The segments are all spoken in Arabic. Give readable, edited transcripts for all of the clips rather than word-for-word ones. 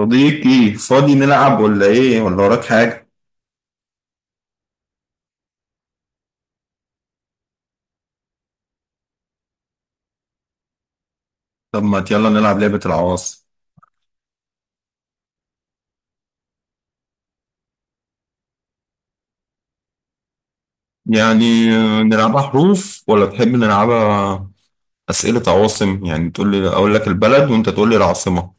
صديقي فاضي، نلعب ولا ايه؟ ولا وراك حاجة؟ طب ما يلا نلعب لعبة العواصم. يعني نلعبها حروف ولا تحب نلعبها أسئلة عواصم؟ يعني تقول لي أقول لك البلد وأنت تقول لي العاصمة.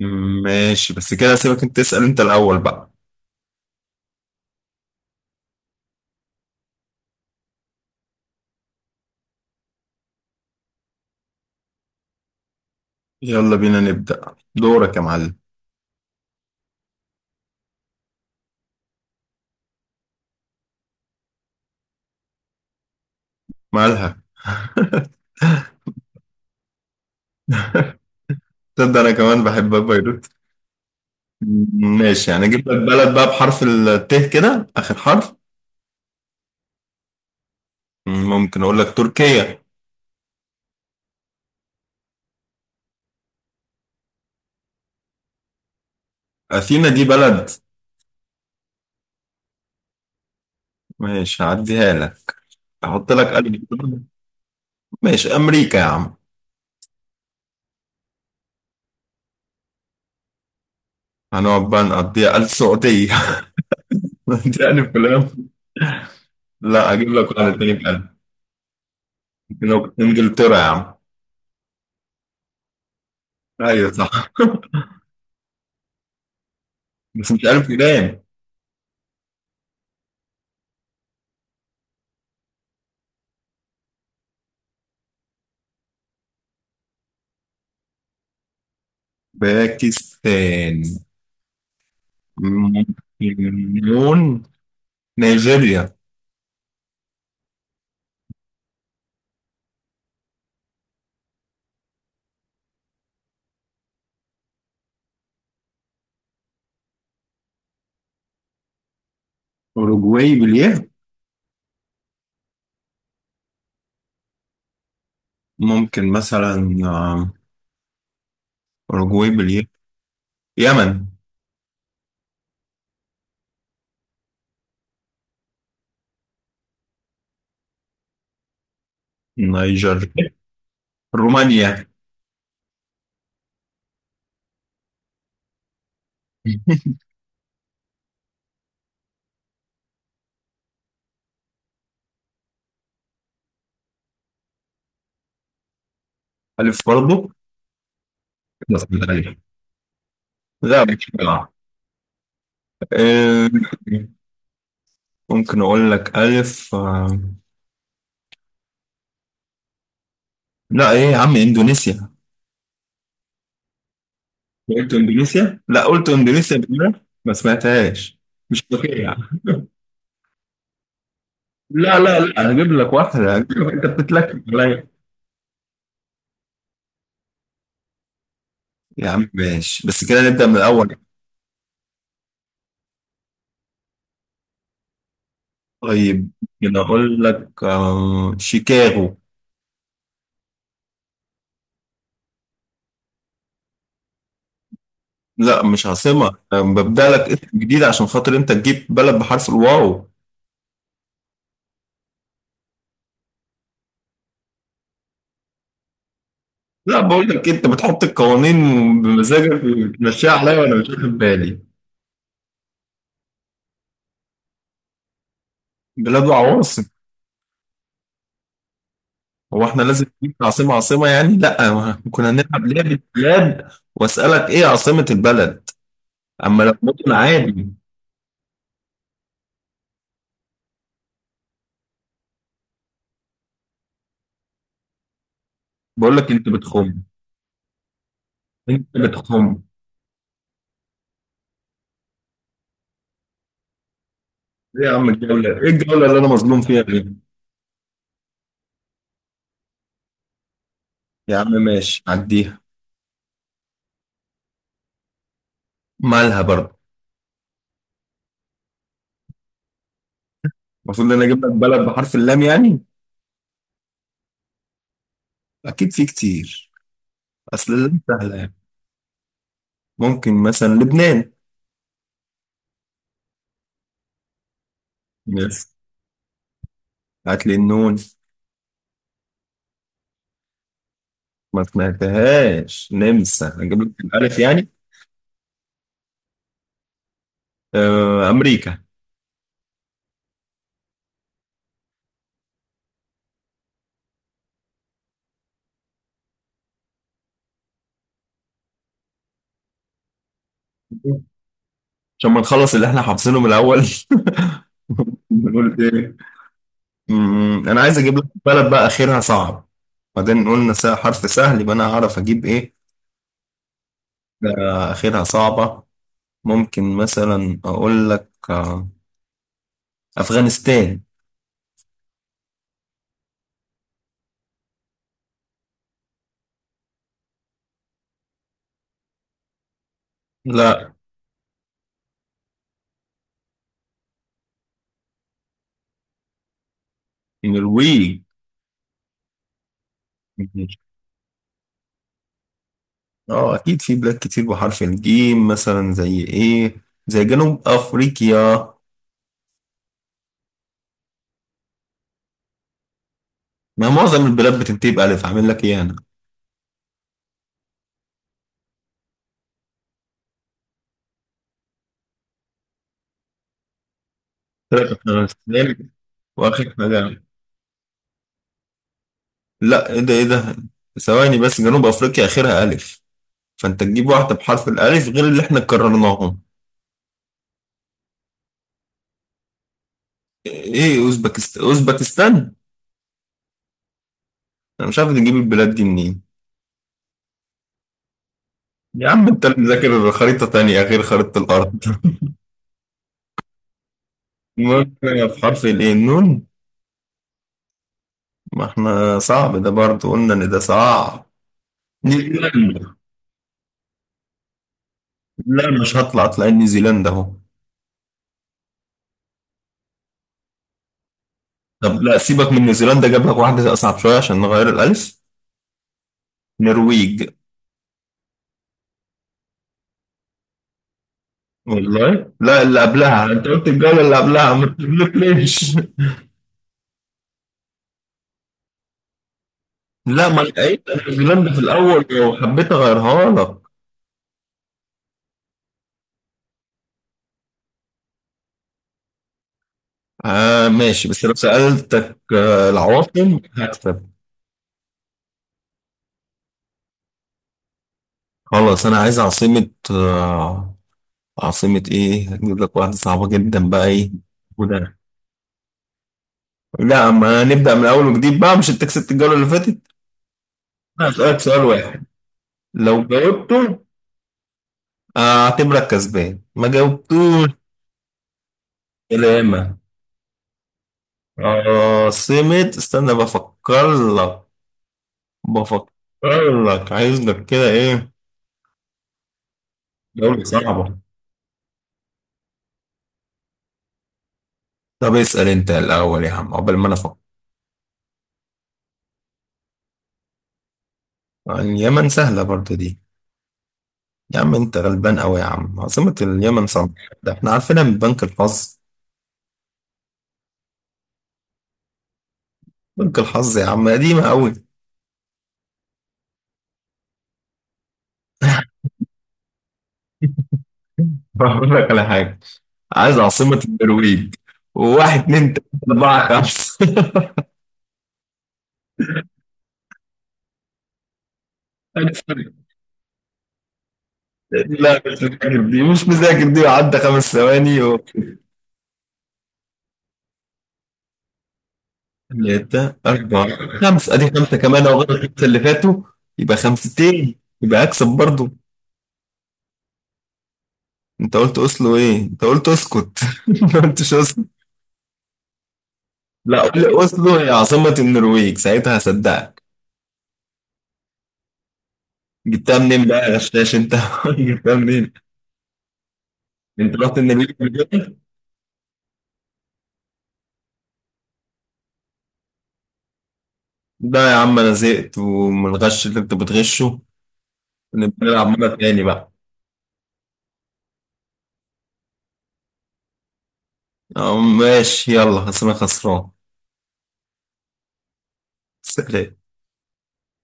ماشي، بس كده سيبك أنت تسأل أنت الأول بقى. يلا بينا نبدأ، دورك يا معلم. مالها؟ تبدأ أنا كمان بحب بيروت. ماشي، يعني أجيب لك بلد بقى بحرف الت كده آخر حرف. ممكن أقول لك تركيا. أثينا دي بلد؟ ماشي هعديها لك. احط لك 1000 دولار. ماشي امريكا يا عم. هنقعد بقى نقضيها 1000 سعودية. يعني فلان. لا اجيب لك واحد تاني ب 1000. ممكن انجلترا يا عم. ايوه صح. بس مش 1000 جنيه. باكستان ممكن. مليون. نيجيريا. اوروجواي باليه. ممكن مثلا اوروجواي باليه. يمن. نيجر. رومانيا. ألف برضه. بس بالألف. لا مش بلعب. آه، ممكن اقول لك الف. لا ايه يا عم، اندونيسيا. قلت اندونيسيا، لا قلت اندونيسيا، بالله ما سمعتهاش. مش فاكر يعني. لا لا لا، هجيب لك واحده، انت بتتلكم عليا. يا عم ماشي بس كده نبدا من الاول. طيب. كده اقول لك شيكاغو. لا مش عاصمه. ببدا لك اسم جديد عشان خاطر انت تجيب بلد بحرف الواو. لا بقول لك، انت بتحط القوانين بمزاجك وتمشيها عليا وانا مش واخد بالي. بلاد وعواصم. هو احنا لازم نجيب عاصمة عاصمة يعني؟ لا، ما كنا هنلعب لعبة بلاد. واسألك ايه عاصمة البلد؟ اما لو مدن عادي. بقول لك انت بتخم. انت بتخم. ايه يا عم الجولة؟ ايه الجولة اللي انا مظلوم فيها دي؟ يا عم ماشي عديها. مالها برضه؟ المفروض ان انا اجيب لك بلد بحرف اللام يعني؟ اكيد في كتير. اصل اللام سهلة يعني. ممكن مثلا لبنان. بس هات لي النون. ما سمعتهاش نمسا، اجيب لك الالف يعني. آه امريكا. عشان ما نخلص اللي احنا حافظينه من الاول. بنقول ايه؟ انا عايز اجيب لك بلد بقى اخرها صعب. بعدين قلنا حرف سهل يبقى انا هعرف اجيب ايه. اخرها صعبة. ممكن مثلا اقول لك افغانستان. لا النرويج. اه اكيد في بلاد كتير بحرف الجيم مثلا زي ايه؟ زي جنوب افريقيا. ما معظم البلاد بتنتهي بالف، عامل لك ايه انا. ثلاثة افغانستان. واخر حاجة. لا ايه ده، ايه ده؟ ثواني بس، جنوب افريقيا اخرها الف، فانت تجيب واحده بحرف الالف غير اللي احنا كررناهم. ايه اوزبكستان. انا مش عارف تجيب البلاد دي منين. يا عم انت اللي مذاكر خريطه تانية غير خريطه الارض. المهم، في حرف الايه النون. ما احنا صعب ده برضه قلنا ان ده صعب. نيوزيلندا. لا مش هطلع، اطلع نيوزيلندا اهو. طب لا سيبك من نيوزيلندا، جاب لك واحده اصعب شويه عشان نغير الالف. نرويج. والله لا، اللي قبلها انت قلت، الجولة اللي قبلها ما تقولكليش. لا ما انا قايل انا نيوزيلندا في الاول لو حبيت اغيرها لك. آه ماشي، بس لو سألتك العواصم هكسب. خلاص انا عايز عاصمة عاصمة ايه؟ هجيب لك واحدة صعبة جدا بقى ايه. وده. لا، ما نبدأ من اول وجديد بقى، مش انت كسبت الجولة اللي فاتت. انا هسألك سؤال واحد، لو جاوبته اعتبرك كسبان، ما جاوبتوش. سلامة. سمت استنى بفكر لك، بفكر لك عايز لك كده ايه. دولة صعبة. طب اسأل انت الأول يا عم عقبال ما انا افكر. اليمن سهلة برضو دي. يا عم انت غلبان قوي يا عم، عاصمة اليمن صنعاء. ده احنا عارفينها من بنك الحظ. بنك الحظ يا عم قديمة قوي. بقول لك على حاجة. عايز عاصمة النرويج. واحد، اتنين، تلاتة، أربعة، خمسة. لا مش مذاكر دي، مش مذاكر دي، وعدى خمس ثواني و... ثلاثة، أربعة، خمسة. أدي خمسة كمان لو غلط الخمسة اللي فاتوا. يبقى خمستين، يبقى أكسب برضو. أنت قلت أوسلو إيه؟ أنت قلت أسكت. ما قلتش أوسلو. لا قول لي أوسلو هي عاصمة النرويج ساعتها هصدقك. جبتها منين بقى يا غشاش أنت؟ جبتها منين؟ أنت رحت النرويج قبل كده؟ لا يا عم أنا زهقت، ومن الغش اللي أنت بتغشه نبقى نلعب مرة تاني بقى. أه، ماشي يلا، أصل أنا خسران. سلام.